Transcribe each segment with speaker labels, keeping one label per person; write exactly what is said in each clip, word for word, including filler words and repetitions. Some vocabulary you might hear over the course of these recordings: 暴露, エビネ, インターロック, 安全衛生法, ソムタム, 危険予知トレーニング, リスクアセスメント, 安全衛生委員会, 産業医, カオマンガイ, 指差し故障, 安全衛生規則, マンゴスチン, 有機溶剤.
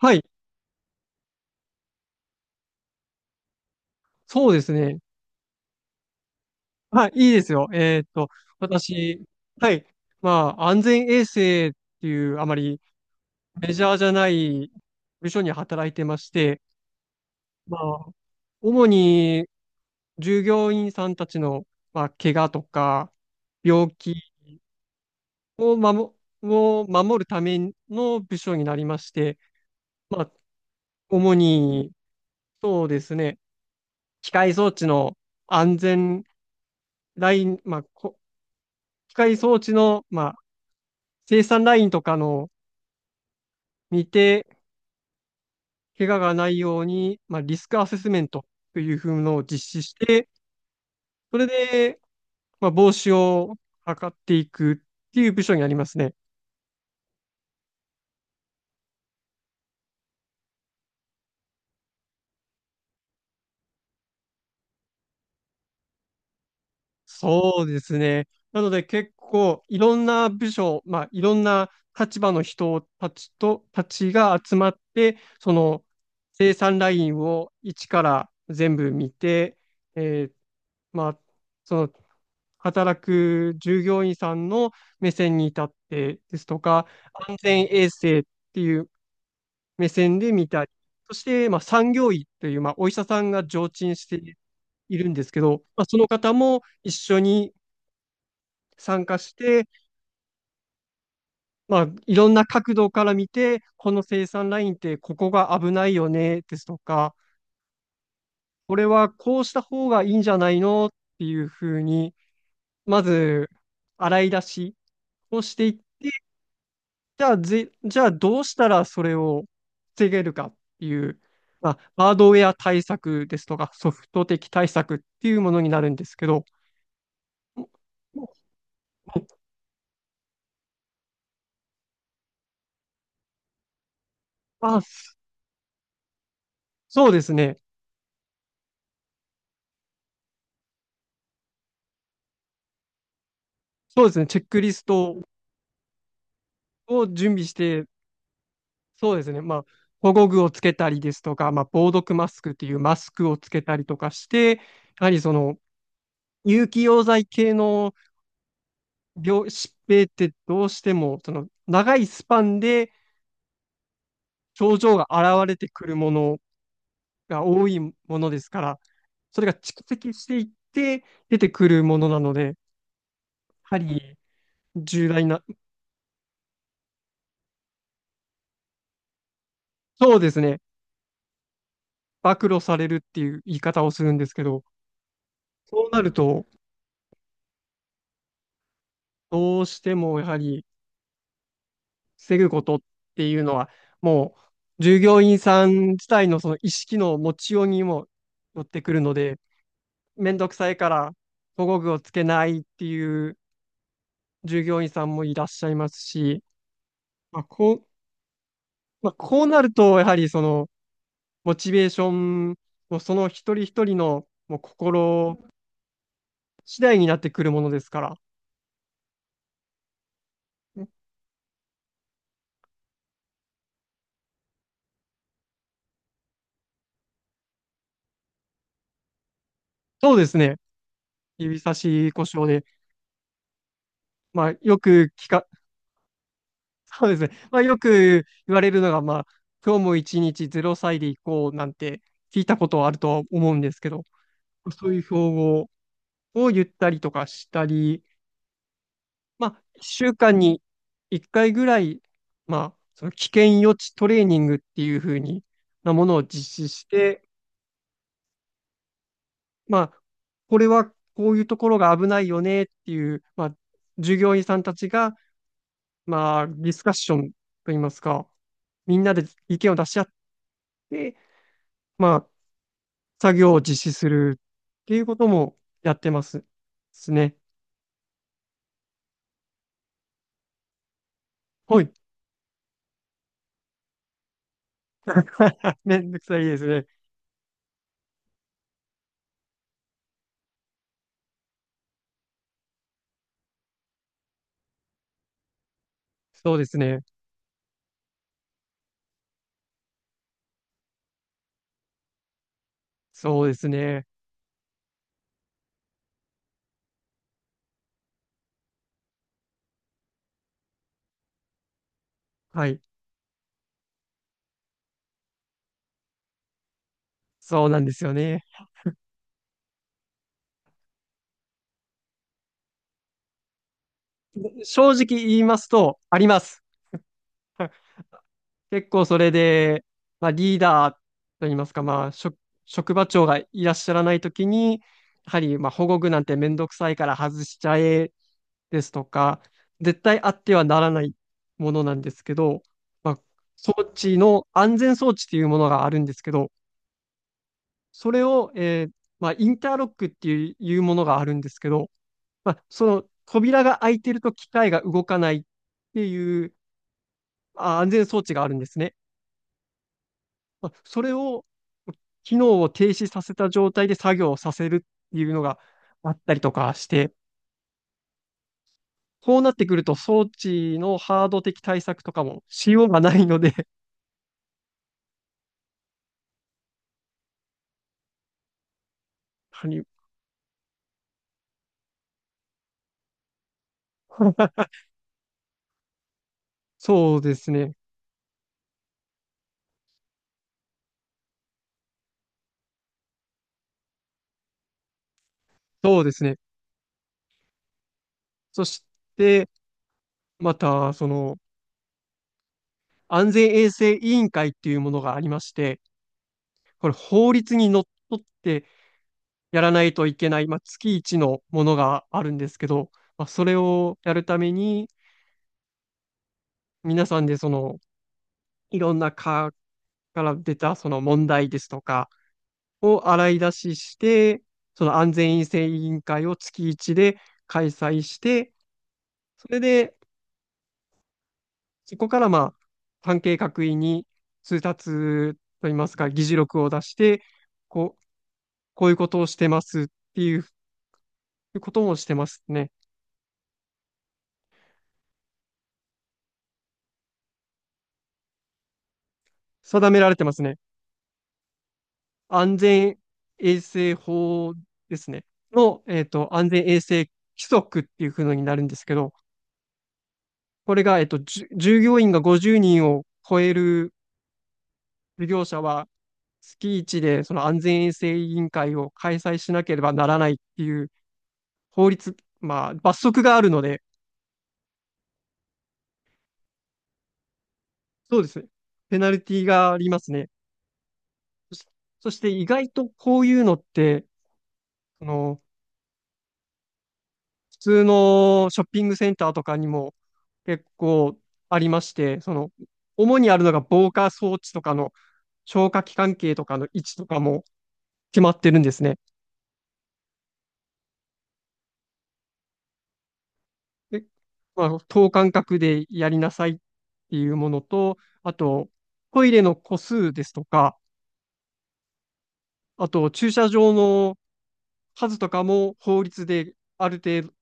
Speaker 1: はい、そうですね。はい、いいですよ。えーっと、私、はい、まあ、安全衛生っていうあまりメジャーじゃない部署に働いてまして、まあ、主に従業員さんたちの、まあ、怪我とか病気を守、を守るための部署になりまして、まあ、主に、そうですね、機械装置の安全ライン、まあ、こ機械装置の、ま生産ラインとかの見て、怪我がないように、まあ、リスクアセスメントというふうのを実施して、それで、まあ、防止を図っていくっていう部署にありますね。そうですね。なので結構いろんな部署、まあいろんな立場の人たちと、たちが集まって、その生産ラインを一から全部見て、えーまあ、その働く従業員さんの目線に立ってですとか、安全衛生っていう目線で見たり、そして、まあ、産業医という、まあ、お医者さんが常駐しているんですけど、まあ、その方も一緒に参加して、まあ、いろんな角度から見て、この生産ラインってここが危ないよねですとか、これはこうした方がいいんじゃないのっていうふうに、まず洗い出しをしていって、じゃあぜ、じゃあどうしたらそれを防げるかっていう、まあ、ハードウェア対策ですとか、ソフト的対策っていうものになるんですけど、まあ、そうですね。そうですね。チェックリストを準備して、そうですね。まあ、保護具をつけたりですとか、まあ、防毒マスクっていうマスクをつけたりとかして、やはりその有機溶剤系の病、疾病ってどうしても、その長いスパンで症状が現れてくるものが多いものですから、それが蓄積していって出てくるものなので、やはり重大な、そうですね。暴露されるっていう言い方をするんですけど、そうなると、どうしてもやはり防ぐことっていうのは、もう従業員さん自体のその意識の持ちようにもよってくるので、めんどくさいから保護具をつけないっていう従業員さんもいらっしゃいますし、まあ、こう、まあ、こうなると、やはりそのモチベーションもその一人一人のもう心次第になってくるものですから。うん、そうですね。指差し故障で。まあ、よく聞か、そうですね。まあ、よく言われるのが、まあ、今日も一日ゼロさいで行こうなんて聞いたことはあるとは思うんですけど、そういう標語を言ったりとかしたり、まあ、いっしゅうかんにいっかいぐらい、まあ、その危険予知トレーニングっていう風になものを実施して、まあ、これはこういうところが危ないよねっていう、まあ、従業員さんたちが、まあ、ディスカッションといいますか、みんなで意見を出し合っで、まあ、作業を実施するっていうこともやってます。ですね。はい。めんどくさいですね。そうですね。そうですね。はい。そうなんですよね。正直言いますと、あります。結構それで、まあ、リーダーといいますか、まあ、職、職場長がいらっしゃらないときに、やはり、まあ、保護具なんてめんどくさいから外しちゃえですとか、絶対あってはならないものなんですけど、まあ、装置の安全装置っていうものがあるんですけど、それを、えーまあ、インターロックっていういうものがあるんですけど、まあ、その扉が開いてると機械が動かないっていうあ安全装置があるんですね。まあ、それを、機能を停止させた状態で作業をさせるっていうのがあったりとかして、こうなってくると装置のハード的対策とかもしようがないので谷、そうですね。そうですね。そして、また、その、安全衛生委員会っていうものがありまして、これ法律にのっとってやらないといけない、まあ、月一のものがあるんですけど、まあ、それをやるために、皆さんでその、いろんな科から出たその問題ですとかを洗い出しして、その安全衛生委員会を月一で開催して、それでそこからまあ、関係各位に通達といいますか、議事録を出して、こう、こういうことをしてますっていうこともしてますね。定められてますね。安全衛生法ですね。の、えっと、安全衛生規則っていうふうになるんですけど、これが、えっと、じゅ従業員がごじゅうにんを超える事業者は、月いちでその安全衛生委員会を開催しなければならないっていう法律、まあ、罰則があるので、そうですね。ペナルティがありますね。そし、そして意外とこういうのって、あの、普通のショッピングセンターとかにも結構ありまして、その、主にあるのが防火装置とかの消火器関係とかの位置とかも決まってるんですね。で、まあ、等間隔でやりなさいっていうものと、あと、トイレの個数ですとか、あと、駐車場の数とかも法律である程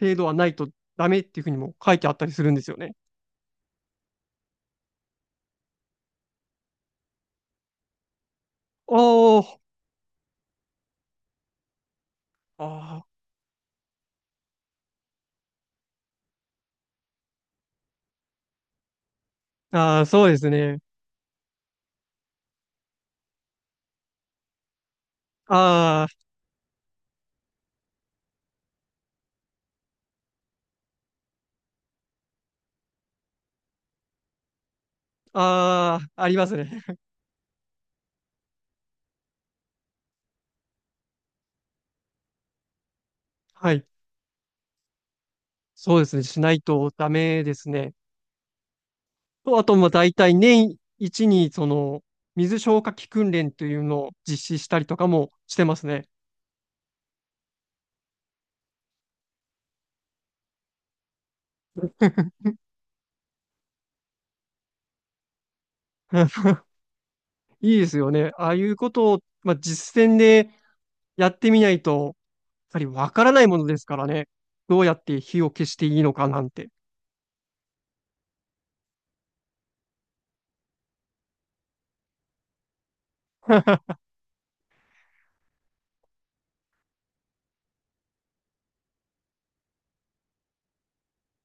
Speaker 1: 程度はないとダメっていうふうにも書いてあったりするんですよね。おー、あーあー、そうですね。ああ、ああ、ありますね。はい。そうですね。しないとダメですね。と、あと、まあ、大体年一に、その、水消火器訓練というのを実施したりとかもしてますね。いいですよね。ああいうことを、まあ、実践でやってみないと、やっぱりわからないものですからね。どうやって火を消していいのかなんて。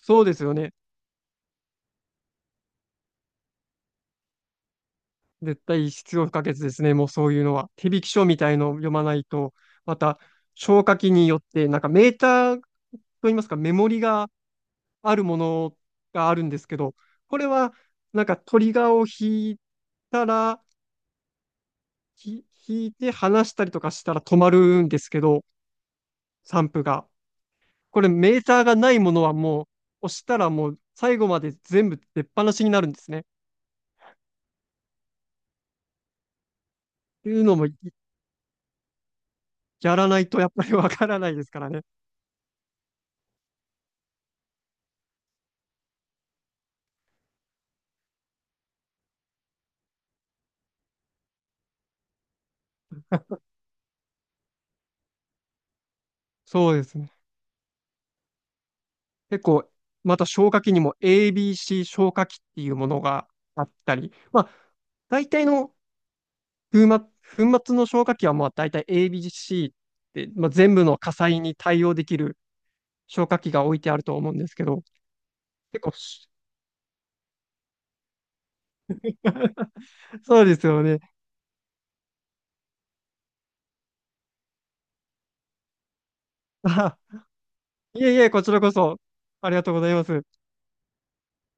Speaker 1: そうですよね。絶対必要不可欠ですね。もうそういうのは。手引き書みたいのを読まないと、また消火器によって、なんかメーターといいますか、メモリがあるものがあるんですけど、これはなんかトリガーを引いたら、ひ引いて離したりとかしたら止まるんですけど、散布が。これメーターがないものはもう押したらもう最後まで全部出っ放しになるんですね。っていうのもやらないとやっぱりわからないですからね。そうですね。結構、また消火器にも エービーシー 消火器っていうものがあったり、まあ、大体の粉末、粉末の消火器はまあ大体 エービーシー って、まあ、全部の火災に対応できる消火器が置いてあると思うんですけど、結構 そうですよね。あいえいえ、こちらこそ、ありがとうございます。